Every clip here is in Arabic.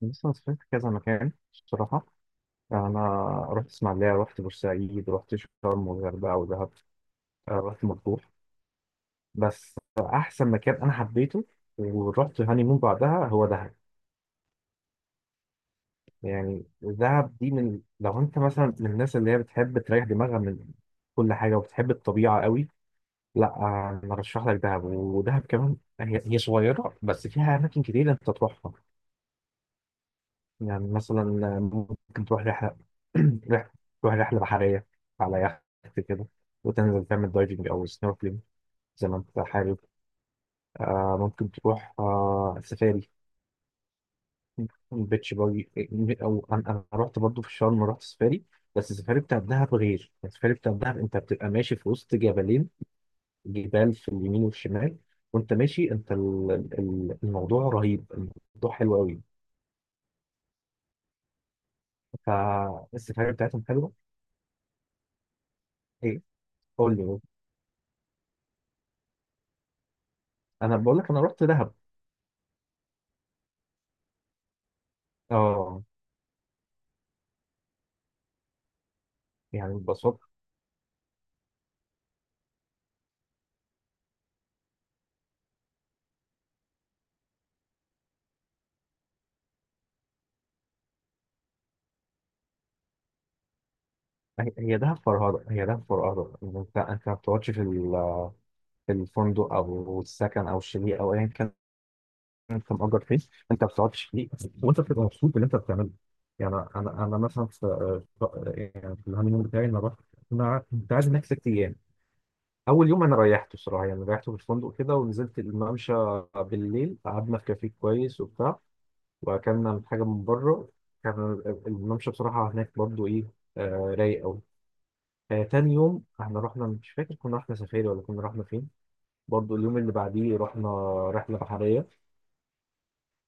بص، أنا سافرت كذا مكان الصراحة. أنا رحت إسماعيلية، رحت بورسعيد، رحت شرم والغردقة ودهب. رحت مطروح. بس أحسن مكان أنا حبيته ورحت هانيمون بعدها هو دهب. يعني دهب دي، من لو أنت مثلا من الناس اللي هي بتحب تريح دماغها من كل حاجة وبتحب الطبيعة قوي، لا آه، أنا أرشح لك دهب. ودهب كمان هي صغيرة بس فيها أماكن كتير أنت تروحها. يعني مثلا ممكن تروح رحلة رحلة تروح رحلة بحرية على يخت كده، وتنزل تعمل دايفنج أو سنوركلينج زي ما أنت حابب. ممكن تروح سفاري بيتش باجي. أو أنا رحت برضه في شرم، رحت سفاري، بس السفاري بتاع الدهب غير. السفاري بتاع الدهب أنت بتبقى ماشي في وسط جبلين، جبال في اليمين والشمال، وأنت ماشي أنت الموضوع رهيب، الموضوع حلو أوي. فالسفاري بتاعتهم حلوة. إيه، قول لي. انا بقول لك انا رحت دهب. اه. يعني ببساطه هي دهب فرهده. هي دهب فرهده إن انت ما بتقعدش في في الفندق او السكن او الشاليه او ايا كان انت مأجر فين. انت ما بتقعدش فيه، وانت بتبقى مبسوط باللي انت بتعمله. يعني انا مثلا في يعني في الهانيمون بتاعي انا رحت. انا كنت قاعد هناك ست ايام. اول يوم انا ريحته الصراحه، يعني ريحته في الفندق كده ونزلت الممشى بالليل، قعدنا في كافيه كويس وبتاع، واكلنا حاجه من بره. كان الممشى بصراحه هناك برضو ايه، آه، رايق قوي. آه، تاني يوم احنا رحنا، مش فاكر كنا رحنا سفاري ولا كنا رحنا فين. برضو اليوم اللي بعديه رحنا رحله بحريه.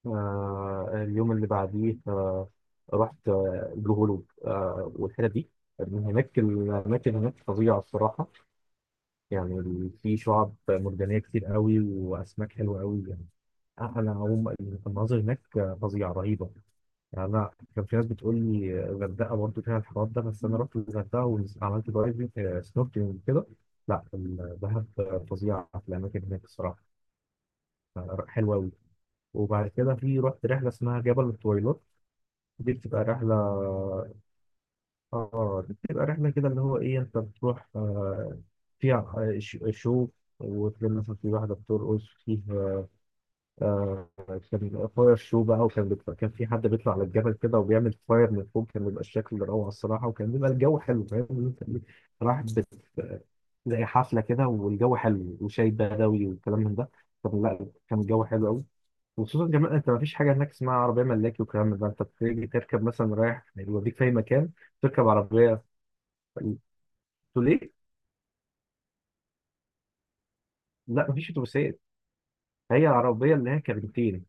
آه اليوم اللي بعديه رحت البلو هول والحتت دي. من هناك، الاماكن هناك فظيعه الصراحه. يعني في شعاب مرجانيه كتير قوي، واسماك حلوه قوي يعني. انا هم المناظر هناك فظيعه رهيبه. يعني انا كان في ناس بتقول لي الغردقه برضه فيها الحوار ده، بس انا رحت الغردقه وعملت دايفنج سنوركلينج وكده. لا، الدهب فظيعه في الاماكن هناك الصراحه، حلوه قوي. وبعد كده رحت رحله اسمها جبل الطويلات. دي بتبقى رحله. اه دي بتبقى رحله كده اللي هو ايه، انت بتروح فيها شو، وتلاقي مثلا في واحده بترقص فيه. آه، كان فاير شو بقى، وكان بيطلع، كان في حد بيطلع على الجبل كده وبيعمل فاير من فوق. كان بيبقى الشكل روعة الصراحة، وكان بيبقى الجو حلو. فاهم إن إنت إيه، رايح بت... زي حفلة كده، والجو حلو وشاي بدوي والكلام من ده. كان لا كان الجو حلو قوي. وخصوصا كمان انت مفيش حاجة هناك اسمها عربية ملاكي والكلام من ده. انت بتيجي تركب مثلا رايح يوديك في اي مكان، تركب عربية. تقول ليه؟ لا، مفيش اتوبيسات. هي العربية اللي هي كابنتين،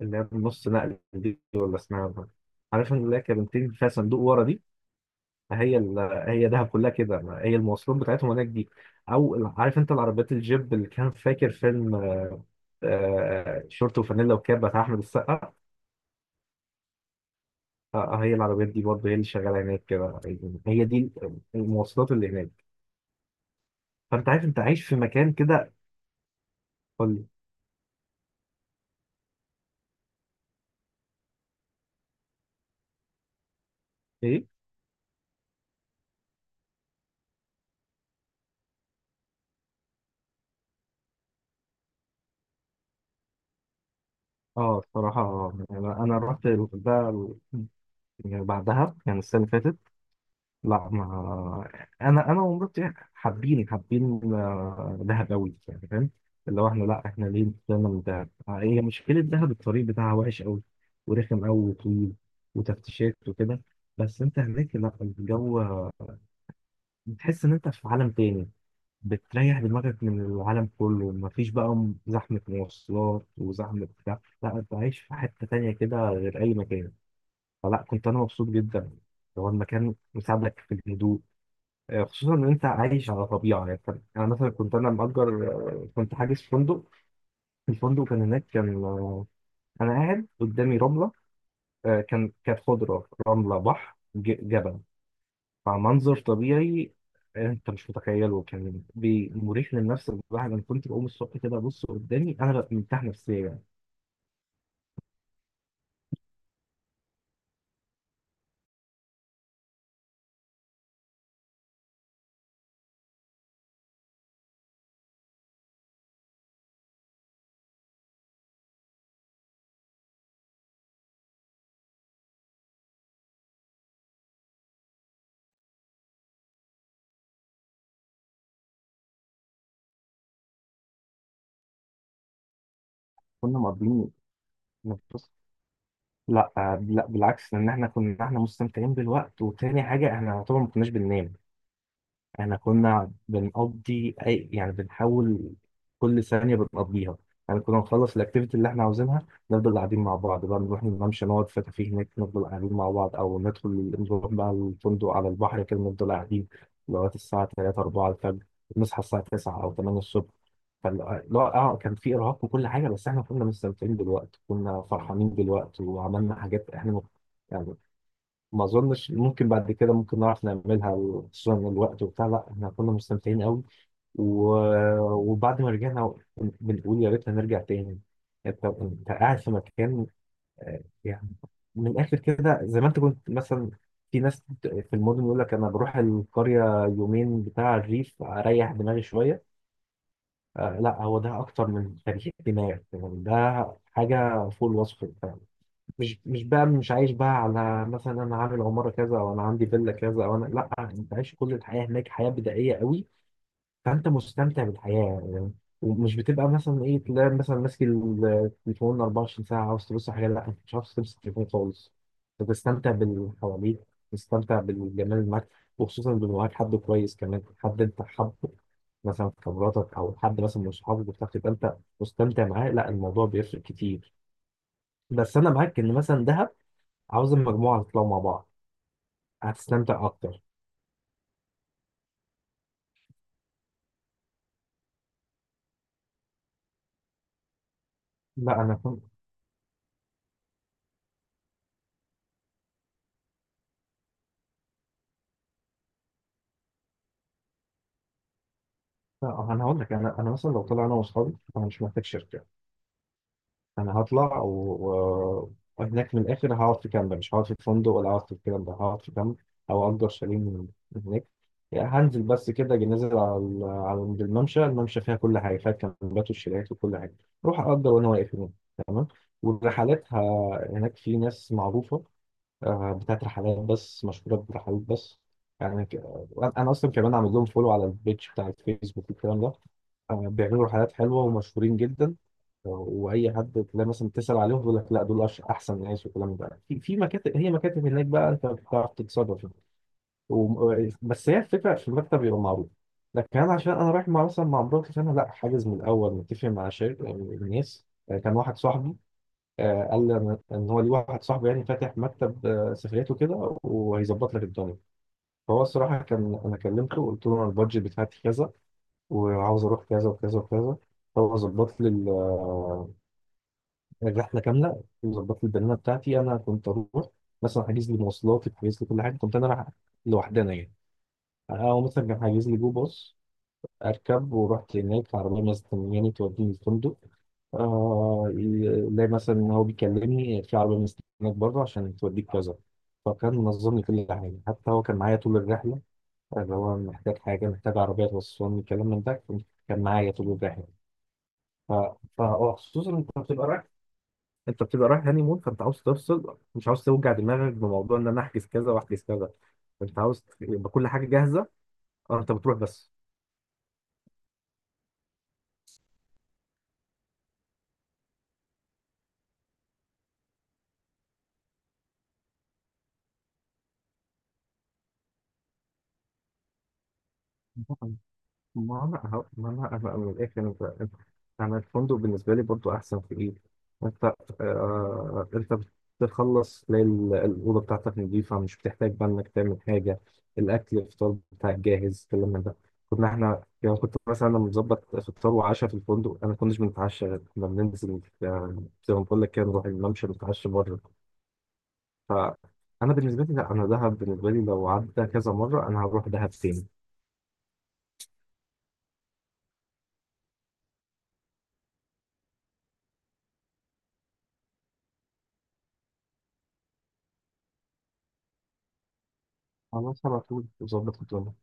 اللي هي النص نقل دي، ولا اسمها إيه؟ عارف ان اللي هي كابنتين فيها صندوق ورا دي. هي ال... هي دهب كلها كده، هي المواصلات بتاعتهم هناك دي. او عارف انت العربيات الجيب، اللي كان فاكر فيلم شورت وفانيلا وكاب بتاع احمد السقا. هي العربيات دي برضه هي اللي شغاله هناك كده. هي دي المواصلات اللي هناك. فانت عارف انت عايش في مكان كده. قول لي. ايه، اه الصراحه، يعني انا رحت ده، يعني بعدها، يعني السنه اللي فاتت. لا ما انا ومراتي حابين حابين دهب قوي يعني، فاهم. اللي هو احنا، لا احنا ليه طلعنا من دهب، هي مشكله دهب الطريق بتاعها وحش قوي، ورخم قوي وطويل، وتفتيشات وكده. بس انت هناك لا، الجو، بتحس ان انت في عالم تاني، بتريح دماغك من العالم كله. مفيش بقى زحمه مواصلات وزحمه بتاع، لا انت عايش في حته تانيه كده غير اي مكان. فلا، كنت انا مبسوط جدا. هو المكان مساعدك في الهدوء، خصوصا ان انت عايش على طبيعه. يعني انا مثلا كنت انا مأجر، كنت حاجز فندق. الفندق كان هناك كان انا قاعد قدامي رمله. كانت خضره، رمله، بحر، جبل. فمنظر طبيعي. انت مش متخيله، كان مريح للنفس. الواحد انا كنت بقوم الصبح كده ابص قدامي، انا ببقى مرتاح نفسيا يعني. كنا مقضيين نفس لا آه، لا بالعكس، لان احنا كنا احنا مستمتعين بالوقت. وتاني حاجه، احنا طبعا ما كناش بننام. احنا كنا بنقضي اي، يعني بنحاول كل ثانية بنقضيها. يعني كنا نخلص الاكتيفيتي اللي احنا عاوزينها، نفضل قاعدين مع بعض بقى، نروح نمشي، نقعد في كافيه هناك نفضل قاعدين مع بعض، او ندخل نروح بقى الفندق على البحر كده نفضل قاعدين لغاية الساعة 3 4 الفجر، نصحى الساعة 9 او 8 الصبح. فاللي هو اه كان في ارهاق وكل حاجة، بس احنا كنا مستمتعين بالوقت، كنا فرحانين بالوقت، وعملنا حاجات احنا ما اظنش ممكن بعد كده ممكن نعرف نعملها. خصوصا الوقت وبتاع، لا احنا كنا مستمتعين قوي. و... وبعد ما رجعنا بنقول يا ريت هنرجع تاني. انت قاعد في مكان، يعني من الاخر كده. زي ما انت كنت مثلا، في ناس في المدن يقول لك انا بروح القريه يومين بتاع الريف، اريح دماغي شويه. آه لا، هو ده اكتر من تريح دماغ يعني. ده حاجه فوق الوصف. مش عايش بقى على مثلا انا عامل عماره كذا، او انا عندي فيلا كذا، او انا لا، انت عايش كل الحياه هناك حياه بدائيه قوي. فانت مستمتع بالحياه يعني. ومش بتبقى مثلا ايه، تلاقي مثلا ماسك التليفون 24 ساعه عاوز تبص على حاجه. لا انت مش عاوز تمسك التليفون خالص. أنت بتستمتع باللي حواليك، بتستمتع بالجمال اللي معاك. وخصوصا لو معاك حد كويس كمان، حد انت حابه، مثلا في خبراتك، او حد مثلا من صحابك بتاعك تبقى انت مستمتع معاه، لا الموضوع بيفرق كتير. بس انا معاك ان مثلا دهب، عاوز المجموعة تطلعوا مع بعض، هتستمتع أكتر. لا أنا كنت لا، أنا هقول لك، أنا مثلا لو طلع أنا وأصحابي أنا مش محتاج شركة. أنا هطلع وهناك من الآخر هقعد في كامب، مش هقعد في فندق ولا هقعد في الكلام ده، هقعد في كامب. أو أجر شاليه من هناك. يعني هنزل بس كده، أجي نازل على على عند الممشى. الممشى فيها كل حاجة، فيها الكامبات والشاليهات وكل حاجة. أروح أجر وأنا واقف هناك، تمام. والرحلات ه... هناك في ناس معروفة، بتاعت رحلات بس، مشهورة برحلات بس. يعني ك... أنا أصلا كمان عامل لهم فولو على البيج بتاع الفيسبوك والكلام ده. بيعملوا رحلات حلوة ومشهورين جدا. وأي حد تلاقي مثلا تسأل عليهم يقول لك لا، دول أحسن ناس والكلام ده. في مكاتب، هي مكاتب هناك بقى، أنت بتعرف تتصرف. و... بس هي الفكرة في المكتب يبقى معروف. لكن أنا عشان أنا رايح مع مثلا مع مراتي، فأنا لا حاجز من الأول متفق مع شركة من الناس. كان واحد صاحبي، قال لي ان إن هو ليه واحد صاحبه يعني فاتح مكتب سفريات وكده، وهيظبط لك الدنيا. فهو الصراحه، كان انا كلمته وقلت له انا البادجت بتاعتي كذا، وعاوز اروح كذا وكذا وكذا. هو ظبط لي الرحله كامله، وظبط لي البنانه بتاعتي. انا كنت اروح، مثلا حاجز لي مواصلاتي، حاجز لي كل حاجه. كنت انا رايح لوحدنا يعني. هو مثلا كان حاجز لي جو باص اركب، ورحت هناك عربيه مستنياني توديني الفندق. آه، لا مثلا إن هو بيكلمني في عربيه مستنياك بره عشان توديك كذا. فكان منظم لي كل حاجه. حتى هو كان معايا طول الرحله، اللي هو محتاج حاجه، محتاج عربيه توصلني، الكلام من ده، كان معايا طول الرحله. ف... فخصوصا انت بتبقى رايح، انت بتبقى رايح هاني مون، فانت عاوز تفصل، مش عاوز توجع دماغك بموضوع ان انا احجز كذا واحجز كذا. انت عاوز يبقى كل حاجه جاهزه، اه انت بتروح بس. ما انا أهو- ما انا أنا من الاخر، انت، انا الفندق بالنسبه لي برضو احسن في ايه، انت آه، انت بتخلص تلاقي الاوضه بتاعتك نظيفه، مش بتحتاج بقى انك تعمل حاجه. الاكل، الفطار بتاعك جاهز، الكلام من ده. كنا احنا، يعني كنت مثلا انا مظبط فطار وعشاء في الفندق، انا ما كناش بنتعشى، غير كنا بننزل زي ما بقول لك كده، نروح الممشى نتعشى بره. فانا بالنسبه لي، لا انا دهب بالنسبه لي لو عدى كذا مره انا هروح دهب تاني. خلاص، على طول ظبط الدنيا.